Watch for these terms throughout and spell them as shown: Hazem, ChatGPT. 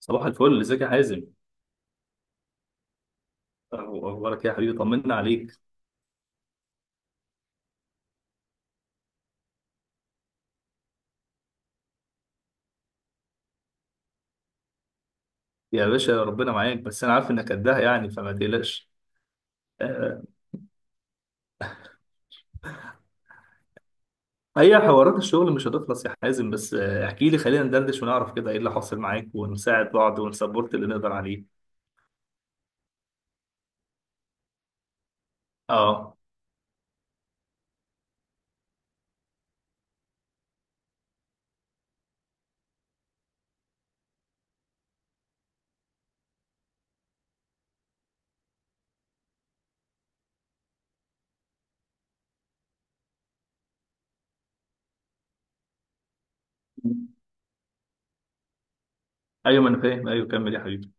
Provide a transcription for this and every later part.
صباح الفل، ازيك يا حازم؟ أهو- اخبارك إيه يا حبيبي؟ طمنا عليك. يا باشا ربنا معاك، بس انا عارف انك قدها، يعني فما تقلقش. آه، هي حوارات الشغل مش هتخلص يا حازم، بس احكي لي، خلينا ندردش ونعرف كده ايه اللي حاصل معاك ونساعد بعض ونسبورت اللي نقدر عليه. اه. ايوه ما انا فاهم، ايوه كمل يا حبيبي.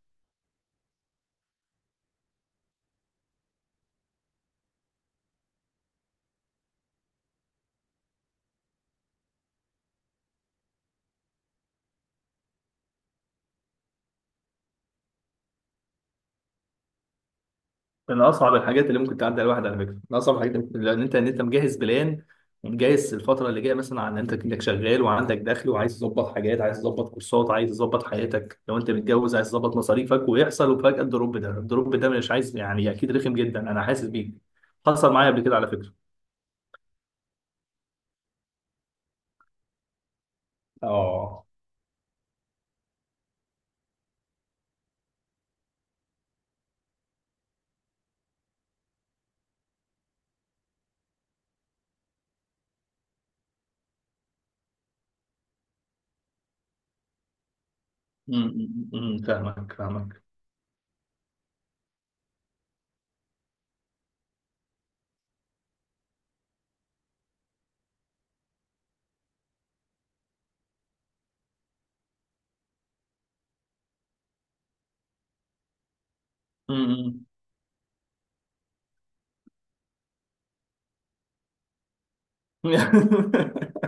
من اصعب الحاجات اللي ممكن تعدي على الواحد، على فكره، من اصعب الحاجات اللي ممكن، لان انت مجهز بلان ومجهز الفتره اللي جايه، مثلا عن انت انك شغال وعندك دخل، وعايز تظبط حاجات، عايز تظبط كورسات، عايز تظبط حياتك، لو انت متجوز عايز تظبط مصاريفك، ويحصل وفجاه الدروب ده مش عايز، يعني اكيد رخم جدا، انا حاسس بيك. حصل معايا قبل كده على فكره. اه. أمم، أمم، فاهمك فاهمك. أمم، أمم.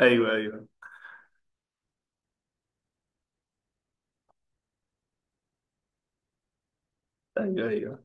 ايوه ايوه. ايوه ايوه.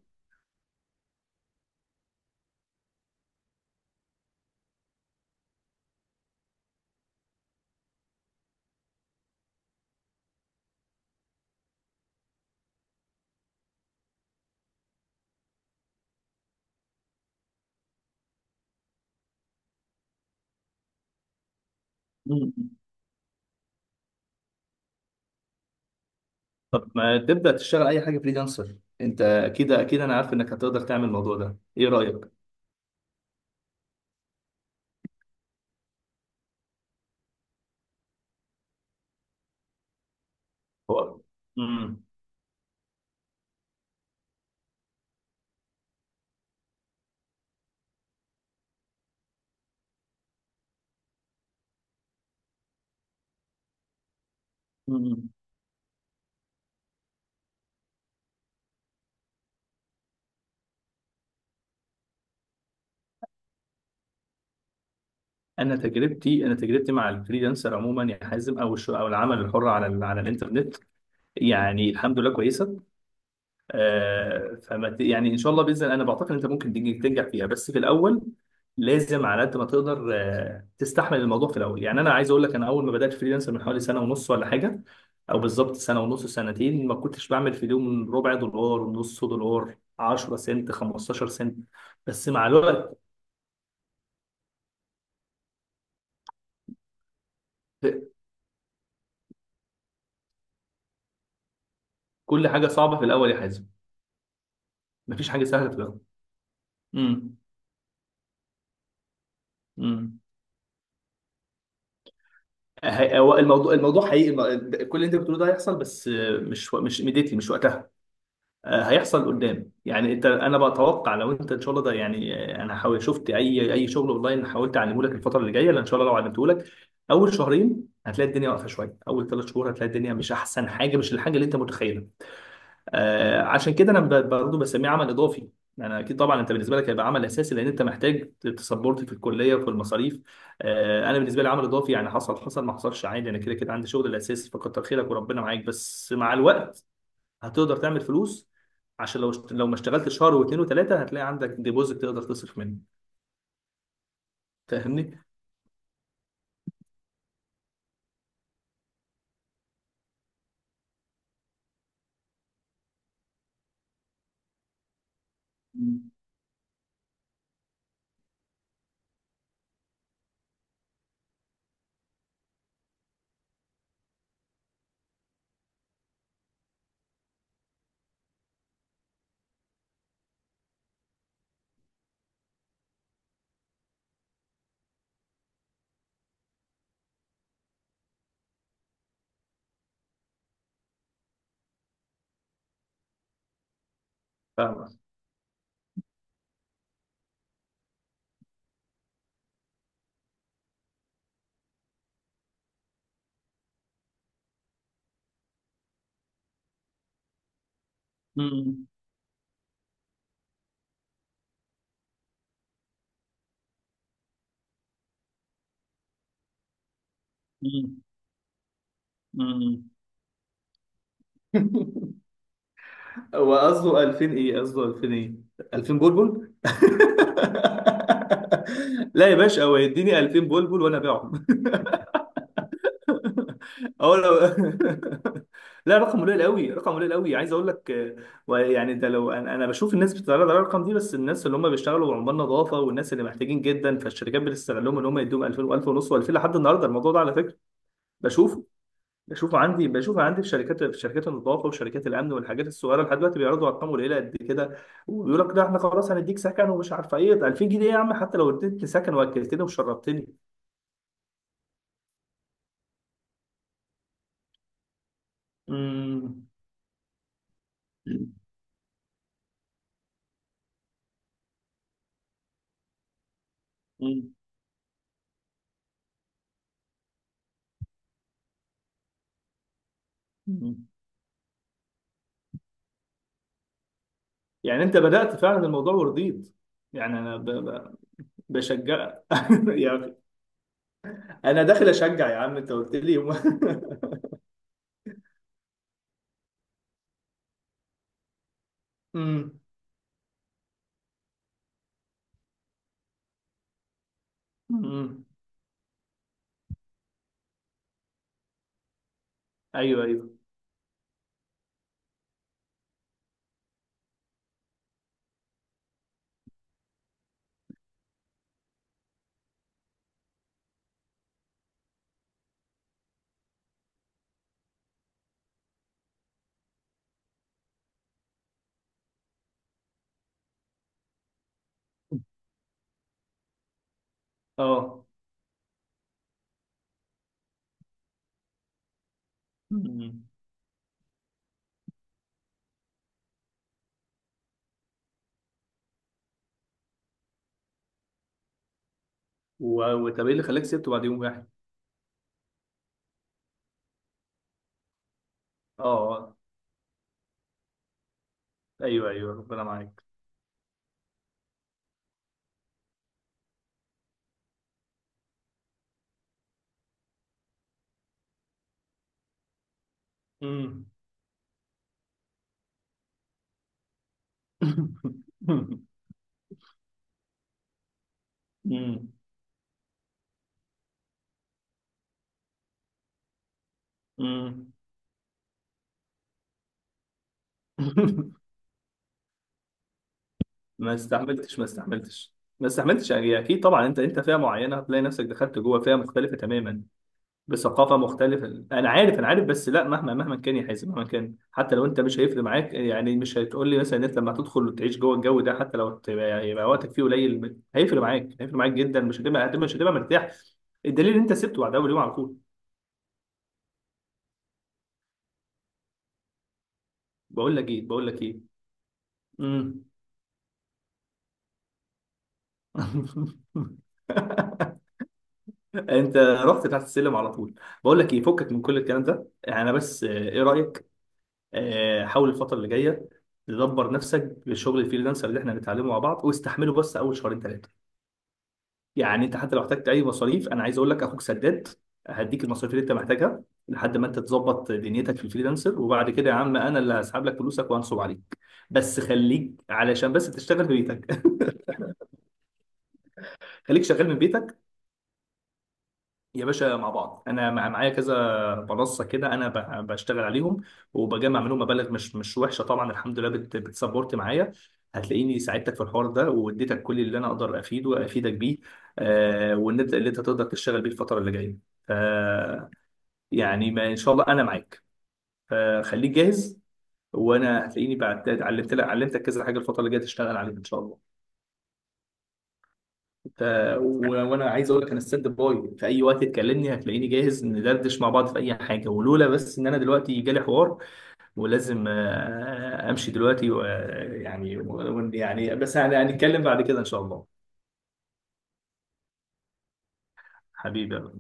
طب ما تبدأ تشتغل أي حاجة فريلانسر؟ أنت أكيد، أكيد أنا عارف إنك هتقدر تعمل الموضوع ده، إيه رأيك؟ هو مم. مم. أنا تجربتي مع الفريلانسر عموما يا حازم، أو العمل الحر على على الإنترنت، يعني الحمد لله كويسة. يعني ان شاء الله باذن الله انا بعتقد انت ممكن تنجح فيها، بس في الاول لازم على قد ما تقدر تستحمل الموضوع في الاول. يعني انا عايز اقول لك، انا اول ما بدات فريلانسر من حوالي سنه ونص ولا حاجه، او بالظبط سنه ونص سنتين، ما كنتش بعمل في اليوم ربع دولار، نص دولار، 10 سنت، 15 سنت، بس مع الوقت. كل حاجه صعبه في الاول يا حازم، مفيش حاجه سهله في الاول. امم، امم. هو الموضوع حقيقي، كل اللي انت بتقوله ده هيحصل، بس مش ميديتلي، مش وقتها. هيحصل قدام، يعني انت، انا بتوقع لو انت ان شاء الله ده يعني. انا حاول شفت اي شغل اونلاين حاولت اعلمه لك الفتره اللي جايه، لان ان شاء الله لو علمته لك اول شهرين هتلاقي الدنيا واقفه شويه، اول 3 شهور هتلاقي الدنيا مش احسن حاجه، مش الحاجه اللي انت متخيلها. آه، عشان كده انا برضه بسميه عمل اضافي. انا اكيد طبعا انت بالنسبه لك هيبقى عمل اساسي، لان انت محتاج تسبورت في الكليه وفي المصاريف. آه، انا بالنسبه لي عمل اضافي، يعني حصل حصل، ما حصلش عادي، انا كده كده عندي شغل الاساسي، فكتر خيرك وربنا معاك، بس مع الوقت هتقدر تعمل فلوس. عشان لو لو ما اشتغلت شهر واثنين وثلاثه هتلاقي عندك ديبوزيت تقدر تصرف منه. فاهمني؟ مم. فاهمك. مم. مم. مم. هو قصده 2000 ايه؟ قصده 2000 ايه؟ 2000 بلبل؟ لا يا باشا، هو يديني 2000 بلبل وانا ابيعهم. اه، لو لا، رقم قليل قوي، رقم قليل قوي، عايز اقول لك. ويعني ده، لو انا، أنا بشوف الناس بتتعرض على الارقام دي، بس الناس اللي هم بيشتغلوا عمال نظافه والناس اللي محتاجين جدا، فالشركات بتستغلهم ان هم يدوهم 2000 و1000 ونص و2000، لحد النهارده الموضوع ده على فكره بشوفه. بشوفه عندي في شركات، في شركات النظافه وشركات الامن والحاجات الصغيره، لحد دلوقتي بيعرضوا ارقام قليله قد كده، وبيقول لك لا، احنا خلاص هنديك سكن ومش عارف ايه، ده 2000 جنيه يا عم، حتى لو اديتني سكن واكلتني وشربتني. امم. يعني انت بدأت فعلا الموضوع ورضيت، يعني انا بشجعك يا اخي، انا داخل اشجع يا عم، انت قلت لي يوم. امم. امم. ايوه ايوه. اه. امم. وطب ايه اللي خلاك سبته بعد يوم واحد؟ اه. آه. ايوه ايوه، ربنا معاك. امم. امم. امم. ما استحملتش، ما استحملتش. ما استحملتش، يعني اكيد طبعا انت، انت فئه معينه، هتلاقي نفسك دخلت جوه فئه مختلفه تماما بثقافه مختلفه، انا عارف انا عارف، بس لا مهما، مهما كان يا حازم، مهما كان، حتى لو انت مش هيفرق معاك، يعني مش هتقول لي مثلا ان انت لما هتدخل وتعيش جوه الجو ده، حتى لو يبقى وقتك فيه قليل هيفرق معاك، هيفرق معاك جدا، مش هتبقى، مش هتبقى مرتاح. الدليل ان انت سبته بعد اول يوم على طول. بقول لك ايه، بقول لك ايه، امم. انت رحت تحت السلم على طول. بقول لك ايه، فكك من كل الكلام ده، يعني انا بس، ايه رايك؟ حاول الفترة اللي جاية تدبر نفسك لشغل الفريلانسر اللي احنا هنتعلمه مع بعض، واستحمله بس اول شهرين ثلاثة. يعني انت حتى لو احتجت اي مصاريف، انا عايز اقول لك اخوك سداد، هديك المصاريف اللي انت محتاجها لحد ما انت تظبط دنيتك في الفريلانسر، وبعد كده يا عم انا اللي هسحب لك فلوسك وهنصب عليك، بس خليك علشان بس تشتغل في بيتك. خليك شغال من بيتك يا باشا، مع بعض. انا معايا كذا منصه كده، انا بشتغل عليهم وبجمع منهم مبالغ مش وحشه طبعا الحمد لله، بتسبورت معايا، هتلاقيني ساعدتك في الحوار ده واديتك كل اللي انا اقدر افيده وافيدك بيه. آه، والنبدا اللي انت تقدر تشتغل بيه الفتره اللي جايه. آه، يعني ما ان شاء الله انا معاك. آه، خليك جاهز، وانا هتلاقيني بعد علمت لك علمتك كذا حاجه الفتره اللي جايه تشتغل عليها ان شاء الله. ف... وانا عايز اقول لك انا ستاند باي في اي وقت تكلمني، هتلاقيني جاهز ندردش مع بعض في اي حاجه، ولولا بس ان انا دلوقتي جالي حوار ولازم امشي دلوقتي و... آه، يعني و... يعني بس هنتكلم بعد كده ان شاء الله. حبيبي يا-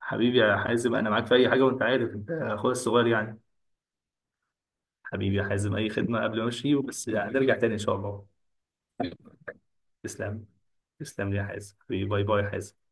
حبيبي يا حازم، انا معاك في اي حاجه، وانت عارف انت اخويا الصغير يعني. حبيبي يا حازم، اي خدمه، قبل ما امشي بس هنرجع تاني ان شاء الله. تسلم. تسلم لي يا حازم حبيبي، باي باي يا حازم.